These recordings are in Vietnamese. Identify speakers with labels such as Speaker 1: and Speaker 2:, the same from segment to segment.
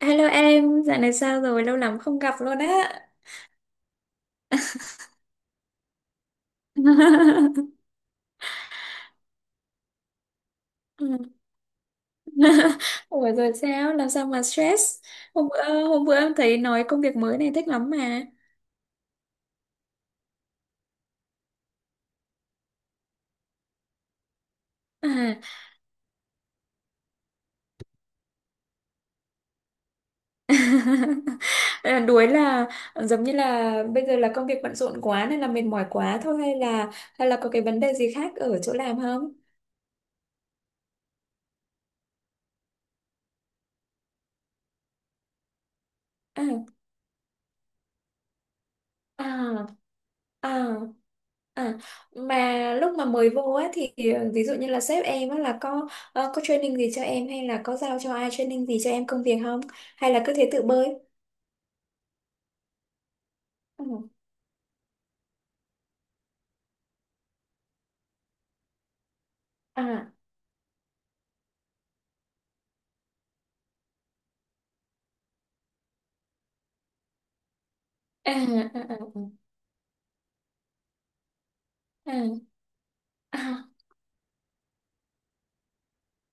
Speaker 1: Hello em, dạo này sao rồi? Lâu lắm không gặp luôn á. Ừ. Ủa rồi sao? Làm sao mà stress? Hôm bữa em thấy nói công việc mới này thích lắm mà. À. À, đuối là giống như là bây giờ là công việc bận rộn quá nên là mệt mỏi quá thôi, hay là có cái vấn đề gì khác ở chỗ làm không? À. À. À, à mà lúc mà mới vô á thì ví dụ như là sếp em á là có có training gì cho em, hay là có giao cho ai training gì cho em công việc không? Hay là cứ thế tự bơi? Ừ. À à à à à. À. À.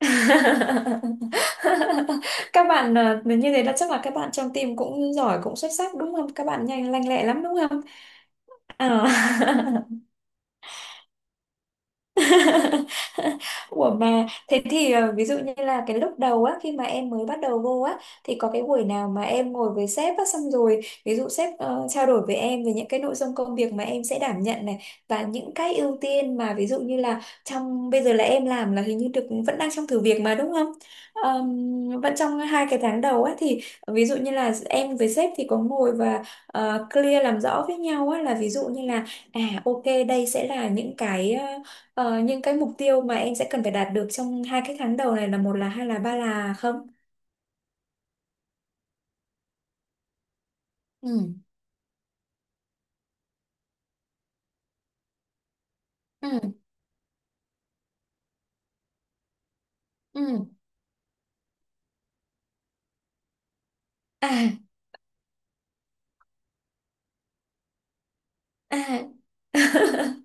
Speaker 1: Các bạn như thế là chắc là các bạn trong team cũng giỏi, cũng xuất sắc đúng không? Các bạn nhanh, lanh lẹ lắm đúng không? À. Ủa mà thế thì ví dụ như là cái lúc đầu á, khi mà em mới bắt đầu vô á thì có cái buổi nào mà em ngồi với sếp á, xong rồi ví dụ sếp trao đổi với em về những cái nội dung công việc mà em sẽ đảm nhận này, và những cái ưu tiên mà ví dụ như là trong bây giờ là em làm là hình như được vẫn đang trong thử việc mà đúng không? Vẫn trong hai cái tháng đầu á thì ví dụ như là em với sếp thì có ngồi và clear làm rõ với nhau á, là ví dụ như là à, ok đây sẽ là những cái những cái mục tiêu mà em sẽ cần phải đạt được trong hai cái tháng đầu này là một là, hai là, ba là không? Ừ, ừ, ừ, à, à,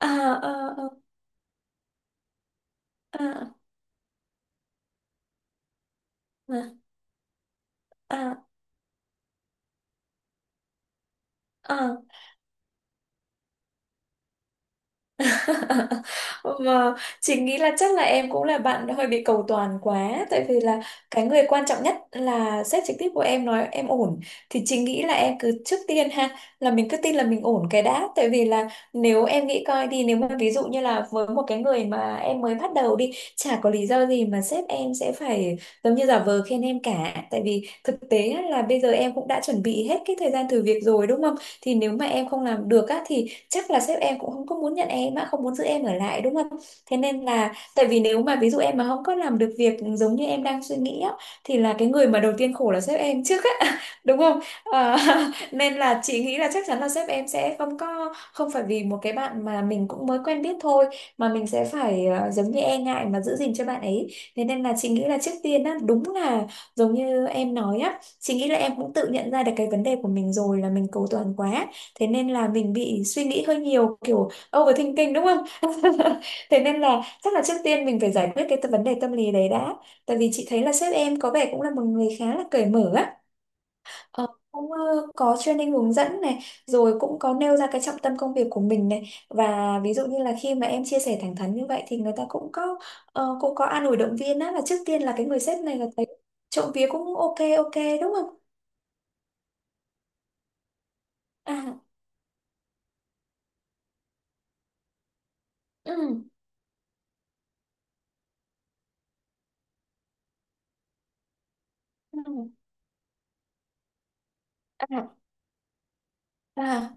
Speaker 1: à, à, à, à, à, à. Và chị nghĩ là chắc là em cũng là bạn hơi bị cầu toàn quá, tại vì là cái người quan trọng nhất là sếp trực tiếp của em nói em ổn, thì chị nghĩ là em cứ trước tiên ha, là mình cứ tin là mình ổn cái đã. Tại vì là nếu em nghĩ coi đi, nếu mà ví dụ như là với một cái người mà em mới bắt đầu đi, chả có lý do gì mà sếp em sẽ phải giống như giả vờ khen em cả. Tại vì thực tế á, là bây giờ em cũng đã chuẩn bị hết cái thời gian thử việc rồi đúng không, thì nếu mà em không làm được á thì chắc là sếp em cũng không có muốn nhận em á, không muốn giữ em ở lại đúng không. Thế nên là, tại vì nếu mà ví dụ em mà không có làm được việc giống như em đang suy nghĩ á, thì là cái người mà đầu tiên khổ là sếp em trước á, đúng không? Ờ, nên là chị nghĩ là chắc chắn là sếp em sẽ không có, không phải vì một cái bạn mà mình cũng mới quen biết thôi mà mình sẽ phải giống như e ngại mà giữ gìn cho bạn ấy. Thế nên là chị nghĩ là trước tiên á, đúng là giống như em nói á, chị nghĩ là em cũng tự nhận ra được cái vấn đề của mình rồi, là mình cầu toàn quá, thế nên là mình bị suy nghĩ hơi nhiều, kiểu overthinking đúng không. Thế nên là chắc là trước tiên mình phải giải quyết cái vấn đề tâm lý đấy đã. Tại vì chị thấy là sếp em có vẻ cũng là một người khá là cởi mở á. Cũng có training hướng dẫn này, rồi cũng có nêu ra cái trọng tâm công việc của mình này, và ví dụ như là khi mà em chia sẻ thẳng thắn như vậy thì người ta cũng có cũng có an ủi động viên á, là trước tiên là cái người sếp này là thấy trộm vía cũng ok ok đúng không. À, ừ, ừ, à, à.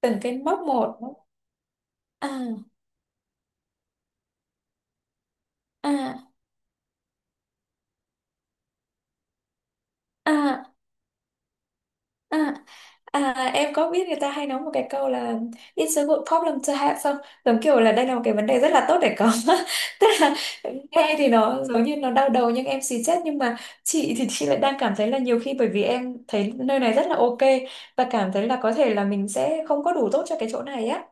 Speaker 1: Từng cái mốc một. À à, à, à. À, em có biết người ta hay nói một cái câu là It's a good problem to have không? Giống kiểu là đây là một cái vấn đề rất là tốt để có. Tức là nghe thì nó giống như nó đau đầu nhưng em xì chết, nhưng mà chị thì chị lại đang cảm thấy là nhiều khi bởi vì em thấy nơi này rất là ok, và cảm thấy là có thể là mình sẽ không có đủ tốt cho cái chỗ này á.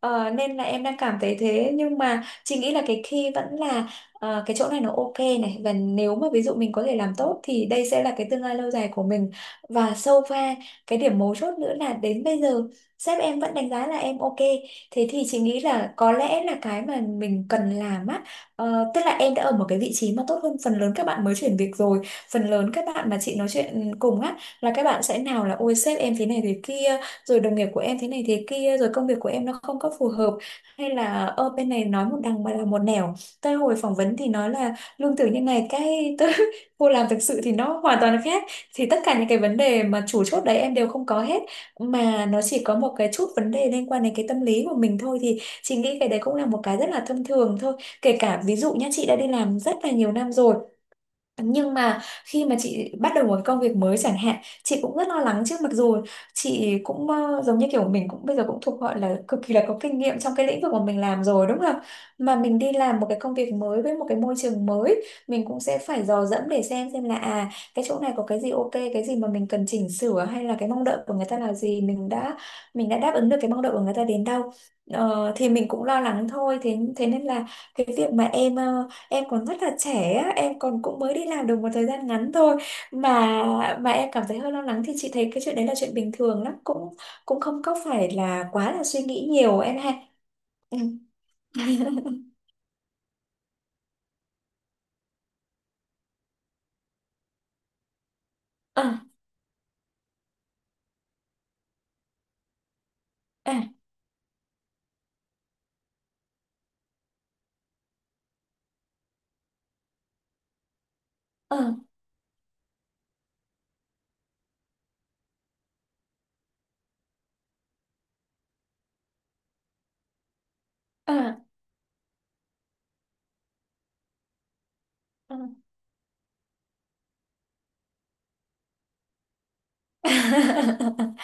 Speaker 1: Nên là em đang cảm thấy thế. Nhưng mà chị nghĩ là cái key vẫn là cái chỗ này nó ok này, và nếu mà ví dụ mình có thể làm tốt thì đây sẽ là cái tương lai lâu dài của mình. Và so far cái điểm mấu chốt nữa là đến bây giờ sếp em vẫn đánh giá là em ok, thế thì chị nghĩ là có lẽ là cái mà mình cần làm á, tức là em đã ở một cái vị trí mà tốt hơn phần lớn các bạn mới chuyển việc rồi. Phần lớn các bạn mà chị nói chuyện cùng á là các bạn sẽ, nào là ôi sếp em thế này thế kia, rồi đồng nghiệp của em thế này thế kia, rồi công việc của em nó không có phù hợp, hay là ở bên này nói một đằng mà là một nẻo, tới hồi phỏng vấn thì nói là lương thưởng như này, cái tới cô làm thực sự thì nó hoàn toàn khác. Thì tất cả những cái vấn đề mà chủ chốt đấy em đều không có hết, mà nó chỉ có một cái chút vấn đề liên quan đến cái tâm lý của mình thôi, thì chị nghĩ cái đấy cũng là một cái rất là thông thường thôi. Kể cả ví dụ nhá, chị đã đi làm rất là nhiều năm rồi, nhưng mà khi mà chị bắt đầu một cái công việc mới chẳng hạn, chị cũng rất lo lắng chứ, mặc dù chị cũng giống như kiểu mình cũng bây giờ cũng thuộc gọi là cực kỳ là có kinh nghiệm trong cái lĩnh vực mà mình làm rồi đúng không? Mà mình đi làm một cái công việc mới với một cái môi trường mới, mình cũng sẽ phải dò dẫm để xem là, à, cái chỗ này có cái gì ok, cái gì mà mình cần chỉnh sửa, hay là cái mong đợi của người ta là gì, mình đã, mình đã đáp ứng được cái mong đợi của người ta đến đâu. Ờ, thì mình cũng lo lắng thôi, thế thế nên là cái việc mà em còn rất là trẻ á, em còn cũng mới đi làm được một thời gian ngắn thôi, mà em cảm thấy hơi lo lắng, thì chị thấy cái chuyện đấy là chuyện bình thường lắm, cũng cũng không có phải là quá là suy nghĩ nhiều em ha. Ừ. À, à, à, à, à.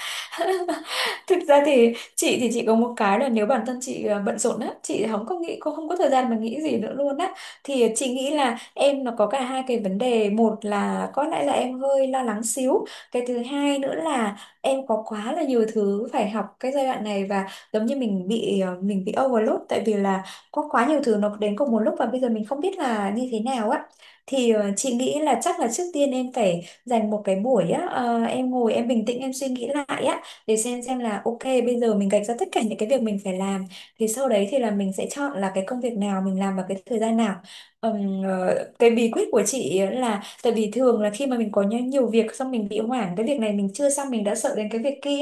Speaker 1: Thực ra thì chị có một cái là nếu bản thân chị bận rộn á, chị không có nghĩ, cô không có thời gian mà nghĩ gì nữa luôn á. Thì chị nghĩ là em nó có cả hai cái vấn đề, một là có lẽ là em hơi lo lắng xíu, cái thứ hai nữa là em có quá là nhiều thứ phải học cái giai đoạn này, và giống như mình bị mình bị overload, tại vì là có quá nhiều thứ nó đến cùng một lúc và bây giờ mình không biết là như thế nào á. Thì chị nghĩ là chắc là trước tiên em phải dành một cái buổi á, em ngồi em bình tĩnh em suy nghĩ lại á, để xem là ok bây giờ mình gạch ra tất cả những cái việc mình phải làm, thì sau đấy thì là mình sẽ chọn là cái công việc nào mình làm vào cái thời gian nào. Cái bí quyết của chị ấy là, tại vì thường là khi mà mình có nhiều việc, xong mình bị hoảng, cái việc này mình chưa xong mình đã sợ đến cái việc kia.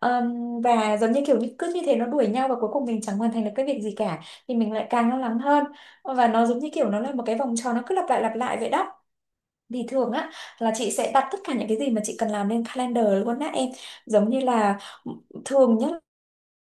Speaker 1: Và giống như kiểu như cứ như thế nó đuổi nhau, và cuối cùng mình chẳng hoàn thành được cái việc gì cả, thì mình lại càng lo lắng hơn, và nó giống như kiểu nó là một cái vòng tròn nó cứ lặp lại vậy đó. Thì thường á là chị sẽ đặt tất cả những cái gì mà chị cần làm lên calendar luôn á em, giống như là ừ, thường nhá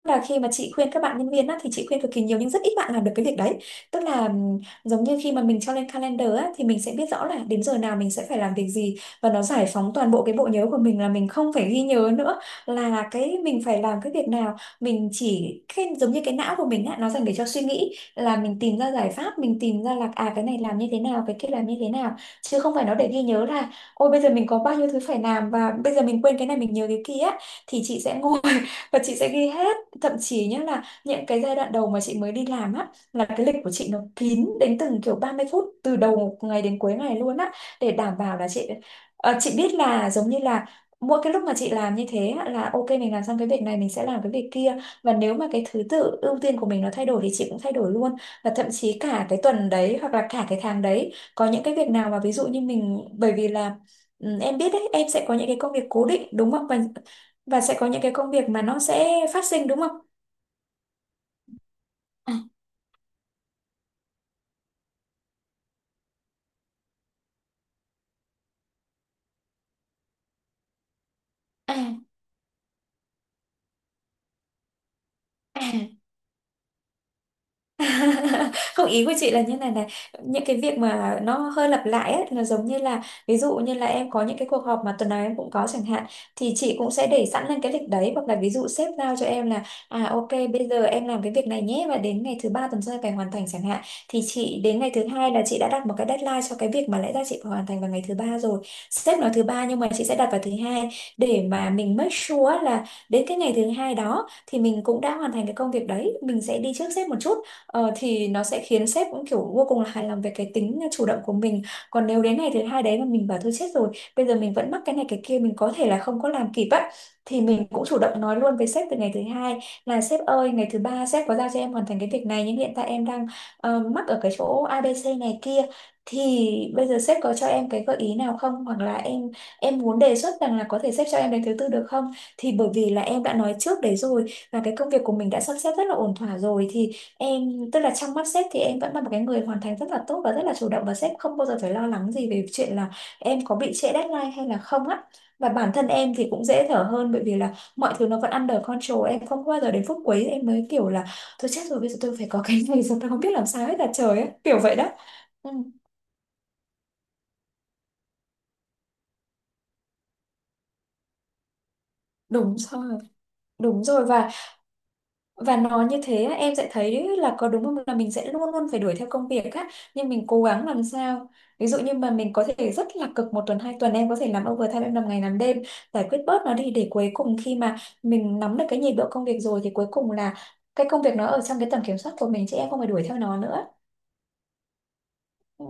Speaker 1: là khi mà chị khuyên các bạn nhân viên á, thì chị khuyên cực kỳ nhiều nhưng rất ít bạn làm được cái việc đấy. Tức là giống như khi mà mình cho lên calendar á, thì mình sẽ biết rõ là đến giờ nào mình sẽ phải làm việc gì. Và nó giải phóng toàn bộ cái bộ nhớ của mình, là mình không phải ghi nhớ nữa là cái mình phải làm cái việc nào, mình chỉ cái, giống như cái não của mình á, nó dành để cho suy nghĩ là mình tìm ra giải pháp, mình tìm ra là à cái này làm như thế nào, cái kia làm như thế nào, chứ không phải nó để ghi nhớ là ôi bây giờ mình có bao nhiêu thứ phải làm và bây giờ mình quên cái này mình nhớ cái kia á." Thì chị sẽ ngồi và chị sẽ ghi hết. Thậm chí nhá, là những cái giai đoạn đầu mà chị mới đi làm á, là cái lịch của chị nó kín đến từng kiểu 30 phút, từ đầu ngày đến cuối ngày luôn á, để đảm bảo là chị chị biết là giống như là mỗi cái lúc mà chị làm như thế á, là ok mình làm xong cái việc này mình sẽ làm cái việc kia. Và nếu mà cái thứ tự ưu tiên của mình nó thay đổi thì chị cũng thay đổi luôn. Và thậm chí cả cái tuần đấy hoặc là cả cái tháng đấy có những cái việc nào mà ví dụ như mình, bởi vì là em biết đấy, em sẽ có những cái công việc cố định đúng không, và sẽ có những cái công việc mà nó sẽ phát sinh đúng không. À, à, à. Không, ý của chị là như này này, những cái việc mà nó hơi lặp lại ấy, là giống như là ví dụ như là em có những cái cuộc họp mà tuần nào em cũng có chẳng hạn, thì chị cũng sẽ để sẵn lên cái lịch đấy. Hoặc là ví dụ sếp giao cho em là à ok bây giờ em làm cái việc này nhé, và đến ngày thứ ba tuần sau em phải hoàn thành chẳng hạn, thì chị đến ngày thứ hai là chị đã đặt một cái deadline cho cái việc mà lẽ ra chị phải hoàn thành vào ngày thứ ba rồi. Sếp nói thứ ba nhưng mà chị sẽ đặt vào thứ hai, để mà mình make sure là đến cái ngày thứ hai đó thì mình cũng đã hoàn thành cái công việc đấy, mình sẽ đi trước sếp một chút. Thì nó sẽ khiến sếp cũng kiểu vô cùng là hài lòng về cái tính chủ động của mình. Còn nếu đến ngày thứ hai đấy mà mình bảo thôi chết rồi, bây giờ mình vẫn mắc cái này cái kia, mình có thể là không có làm kịp á, thì mình cũng chủ động nói luôn với sếp từ ngày thứ hai là sếp ơi, ngày thứ ba sếp có giao cho em hoàn thành cái việc này nhưng hiện tại em đang mắc ở cái chỗ a ABC này kia, thì bây giờ sếp có cho em cái gợi ý nào không, hoặc là em muốn đề xuất rằng là có thể sếp cho em đến thứ tư được không, thì bởi vì là em đã nói trước đấy rồi và cái công việc của mình đã sắp xếp rất là ổn thỏa rồi thì em, tức là trong mắt sếp thì em vẫn là một cái người hoàn thành rất là tốt và rất là chủ động, và sếp không bao giờ phải lo lắng gì về chuyện là em có bị trễ deadline hay là không á. Và bản thân em thì cũng dễ thở hơn, bởi vì là mọi thứ nó vẫn under control, em không bao giờ đến phút cuối em mới kiểu là tôi chết rồi bây giờ tôi phải có cái này rồi tôi không biết làm sao hết là trời á, kiểu vậy đó. Ừ, đúng rồi, đúng rồi, và nó như thế á, em sẽ thấy là có đúng không, là mình sẽ luôn luôn phải đuổi theo công việc á, nhưng mình cố gắng làm sao ví dụ như mà mình có thể rất là cực 1 tuần 2 tuần, em có thể làm overtime, em làm ngày làm đêm, giải quyết bớt nó đi, để cuối cùng khi mà mình nắm được cái nhịp độ công việc rồi thì cuối cùng là cái công việc nó ở trong cái tầm kiểm soát của mình, chứ em không phải đuổi theo nó nữa. Ừ.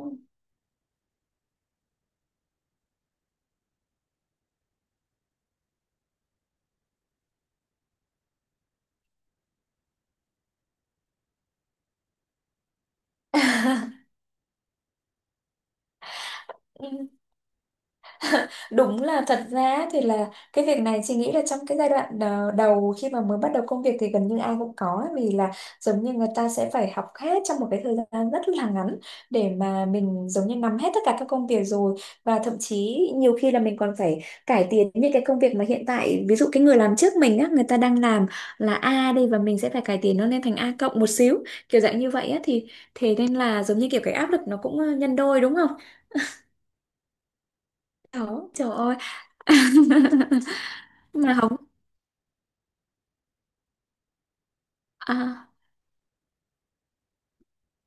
Speaker 1: Đúng, là thật ra thì là cái việc này chị nghĩ là trong cái giai đoạn đầu khi mà mới bắt đầu công việc thì gần như ai cũng có ấy, vì là giống như người ta sẽ phải học hết trong một cái thời gian rất là ngắn để mà mình giống như nắm hết tất cả các công việc rồi. Và thậm chí nhiều khi là mình còn phải cải tiến những cái công việc mà hiện tại, ví dụ cái người làm trước mình á người ta đang làm là A đi, và mình sẽ phải cải tiến nó lên thành A cộng một xíu, kiểu dạng như vậy á. Thì thế nên là giống như kiểu cái áp lực nó cũng nhân đôi đúng không? Đó, trời ơi. Mà không à,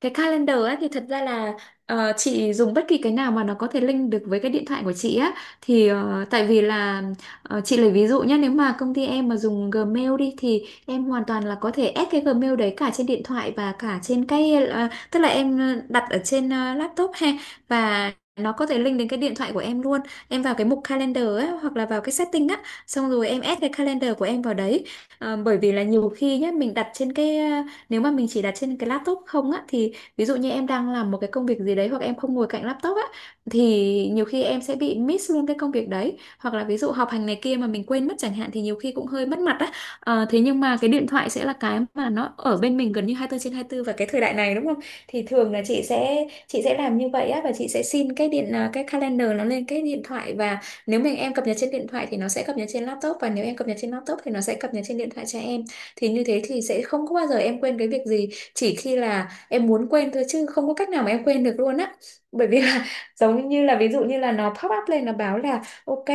Speaker 1: cái calendar ấy thì thật ra là chị dùng bất kỳ cái nào mà nó có thể link được với cái điện thoại của chị á. Thì tại vì là chị lấy ví dụ nhé, nếu mà công ty em mà dùng Gmail đi thì em hoàn toàn là có thể add cái Gmail đấy cả trên điện thoại và cả trên cái tức là em đặt ở trên laptop ha. Và nó có thể link đến cái điện thoại của em luôn. Em vào cái mục calendar á hoặc là vào cái setting á, xong rồi em add cái calendar của em vào đấy. Ờ, bởi vì là nhiều khi nhé mình đặt trên cái nếu mà mình chỉ đặt trên cái laptop không á, thì ví dụ như em đang làm một cái công việc gì đấy hoặc em không ngồi cạnh laptop á thì nhiều khi em sẽ bị miss luôn cái công việc đấy, hoặc là ví dụ họp hành này kia mà mình quên mất chẳng hạn thì nhiều khi cũng hơi mất mặt á. Ờ, thế nhưng mà cái điện thoại sẽ là cái mà nó ở bên mình gần như 24 trên 24, và cái thời đại này đúng không thì thường là chị sẽ làm như vậy á, và chị sẽ xin cái cái calendar nó lên cái điện thoại. Và nếu em cập nhật trên điện thoại thì nó sẽ cập nhật trên laptop, và nếu em cập nhật trên laptop thì nó sẽ cập nhật trên điện thoại cho em. Thì như thế thì sẽ không có bao giờ em quên cái việc gì, chỉ khi là em muốn quên thôi, chứ không có cách nào mà em quên được luôn á. Bởi vì là giống như là ví dụ như là nó pop up lên nó báo là ok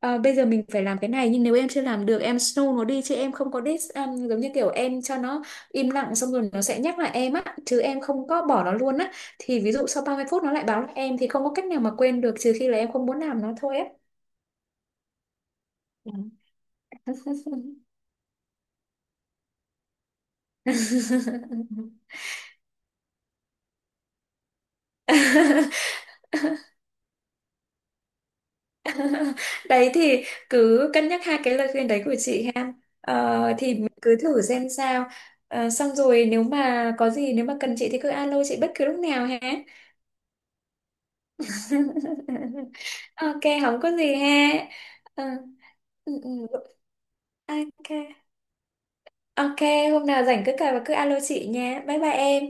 Speaker 1: bây giờ mình phải làm cái này, nhưng nếu em chưa làm được em snow nó đi chứ em không có dis giống như kiểu em cho nó im lặng, xong rồi nó sẽ nhắc lại em á, chứ em không có bỏ nó luôn á. Thì ví dụ sau 30 phút nó lại báo lại em thì không có cách nào mà quên được, trừ khi là em không muốn làm nó thôi á. Ừ. Đấy thì cứ cân nhắc hai cái lời khuyên đấy của chị ha. Ờ, thì mình cứ thử xem sao. Ờ, xong rồi nếu mà có gì, nếu mà cần chị thì cứ alo chị bất cứ lúc nào ha. Ok, không có gì ha. Ờ, ừ, ừ, ok. Ok, hôm nào rảnh cứ cài và cứ alo chị nha. Bye bye em.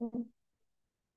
Speaker 1: Ừ.